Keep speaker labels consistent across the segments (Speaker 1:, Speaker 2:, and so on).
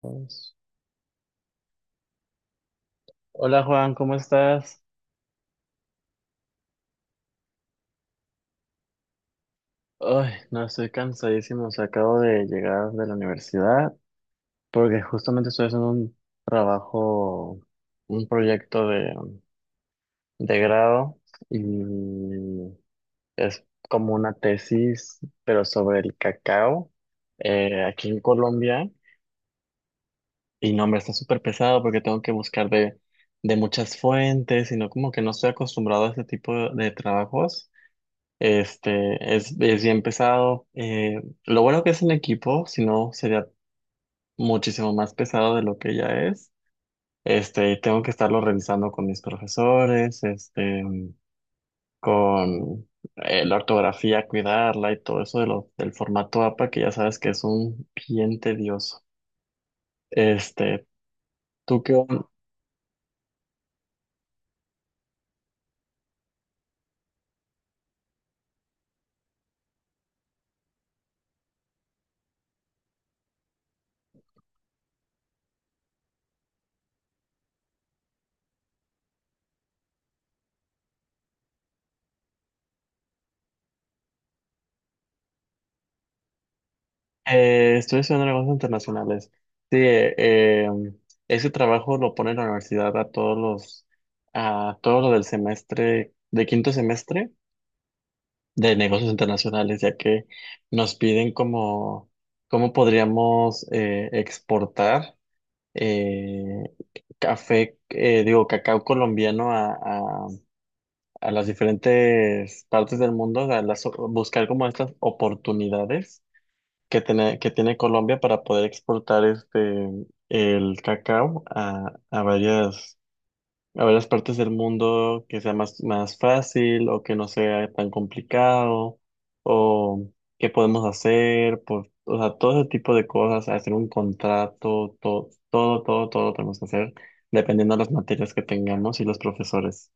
Speaker 1: Pues, hola Juan, ¿cómo estás? Ay, no, estoy cansadísimo. O sea, acabo de llegar de la universidad porque justamente estoy haciendo un trabajo, un proyecto de grado y es como una tesis, pero sobre el cacao aquí en Colombia. Y no, hombre, está súper pesado porque tengo que buscar de muchas fuentes, sino como que no estoy acostumbrado a este tipo de trabajos. Este, es bien pesado. Lo bueno que es en equipo, si no sería muchísimo más pesado de lo que ya es. Este, tengo que estarlo revisando con mis profesores, este, con la ortografía, cuidarla y todo eso de lo, del formato APA, que ya sabes que es un bien tedioso. Este, ¿tú qué, estoy estudiando negocios internacionales. Sí, ese trabajo lo pone la universidad a todos los, a todo lo del semestre, de quinto semestre de negocios internacionales, ya que nos piden cómo, cómo podríamos exportar eh, café, digo, cacao colombiano a, a las diferentes partes del mundo, buscar como estas oportunidades que tiene Colombia para poder exportar este el cacao a varias partes del mundo que sea más, más fácil o que no sea tan complicado o qué podemos hacer, por, o sea, todo ese tipo de cosas, hacer un contrato, todo, todo, todo, todo lo tenemos que hacer dependiendo de las materias que tengamos y los profesores.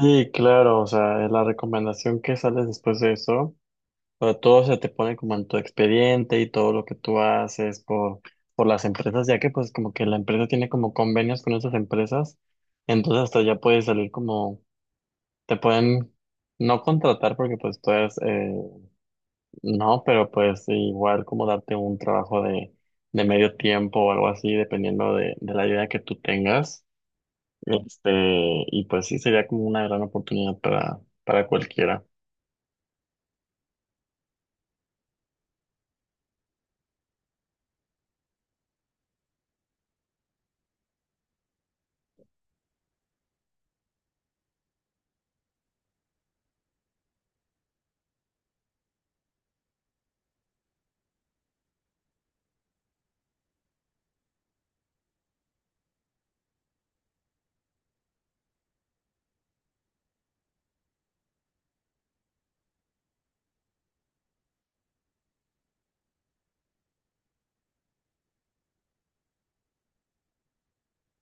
Speaker 1: Sí, claro, o sea, la recomendación que sale después de eso. Pero todo se te pone como en tu expediente y todo lo que tú haces por las empresas, ya que pues como que la empresa tiene como convenios con esas empresas, entonces hasta ya puedes salir como, te pueden no contratar porque pues tú eres, no, pero pues igual como darte un trabajo de medio tiempo o algo así, dependiendo de la idea que tú tengas. Este, y pues sí, sería como una gran oportunidad para cualquiera.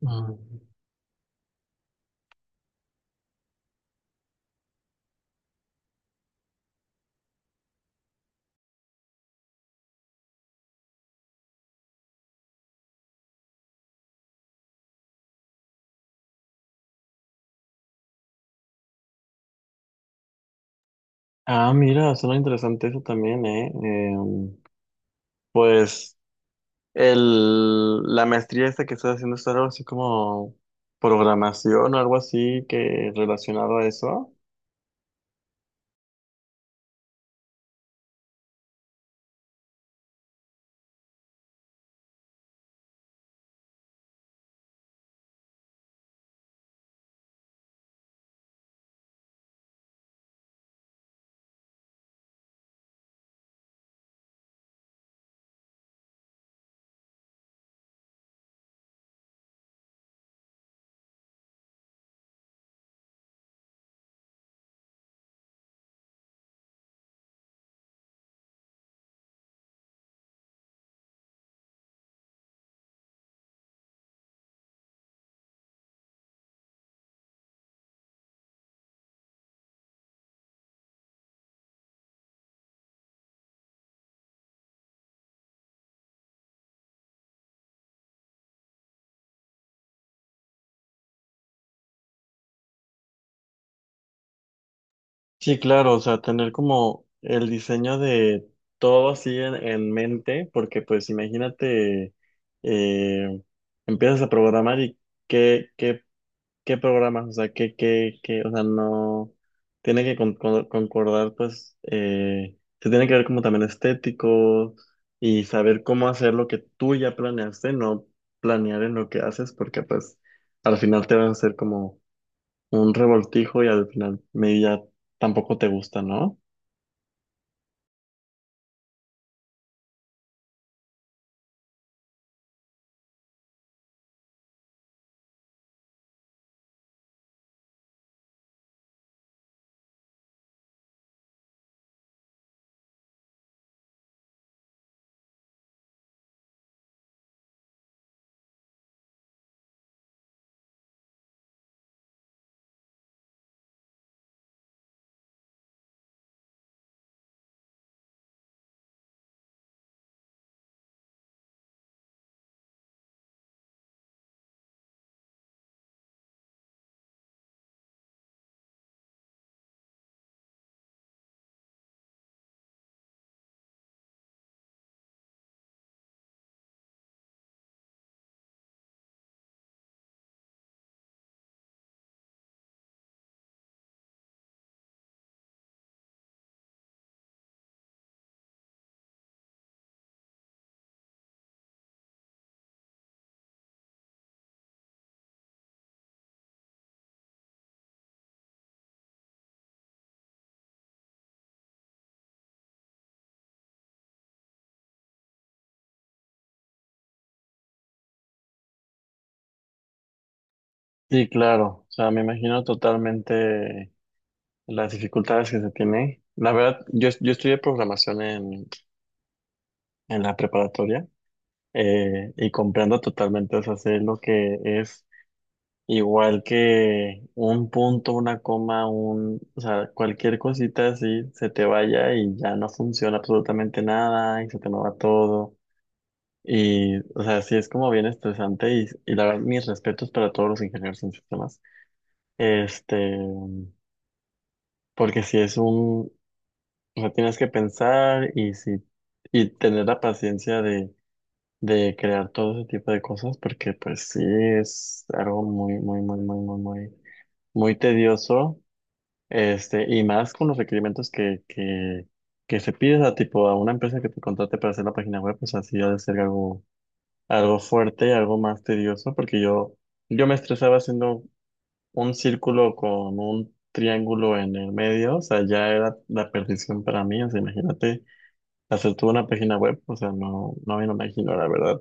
Speaker 1: Mm. Ah, mira, suena interesante eso también, ¿eh? Pues el, la maestría esta que estás haciendo es algo así como programación o algo así que relacionado a eso. Sí, claro, o sea, tener como el diseño de todo así en mente, porque pues imagínate, eh, empiezas a programar y qué, qué ¿qué programas? O sea, ¿qué, qué, qué? O sea, no. Tiene que concordar, pues, se tiene que ver como también estético y saber cómo hacer lo que tú ya planeaste, no planear en lo que haces, porque pues al final te vas a hacer como un revoltijo y al final media tampoco te gusta, ¿no? Sí, claro, o sea, me imagino totalmente las dificultades que se tiene. La verdad, yo estudié programación en la preparatoria. Y comprendo totalmente, o sea, sé lo que es igual que un punto, una coma, un, o sea, cualquier cosita así se te vaya y ya no funciona absolutamente nada y se te mueva todo. Y, o sea, sí es como bien estresante y la verdad, mis respetos para todos los ingenieros en sistemas. Este, porque si es un, o sea, tienes que pensar y si, y tener la paciencia de crear todo ese tipo de cosas porque pues sí es algo muy muy muy muy muy muy muy tedioso este y más con los requerimientos que que se pide a tipo a una empresa que te contrate para hacer la página web pues así ha de ser algo algo fuerte algo más tedioso porque yo me estresaba haciendo un círculo con un triángulo en el medio o sea ya era la perdición para mí o sea imagínate hacer toda una página web o sea no me lo imagino la verdad.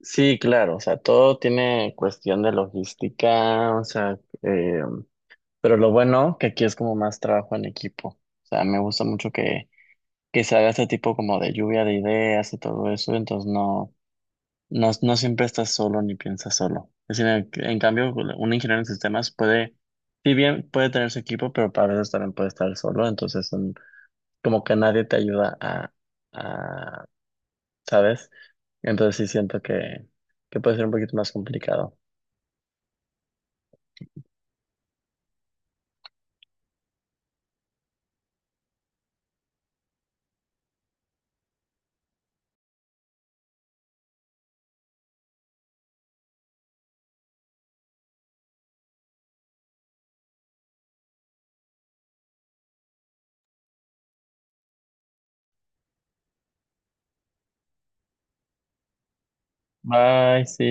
Speaker 1: Sí, claro, o sea, todo tiene cuestión de logística, o sea, eh, pero lo bueno que aquí es como más trabajo en equipo, o sea, me gusta mucho que se haga ese tipo como de lluvia de ideas y todo eso, entonces no, no siempre estás solo ni piensas solo. Es decir, en cambio, un ingeniero en sistemas puede, si bien puede tener su equipo, pero para veces también puede estar solo, entonces como que nadie te ayuda a, ¿sabes? Entonces sí siento que puede ser un poquito más complicado. Bye, sí.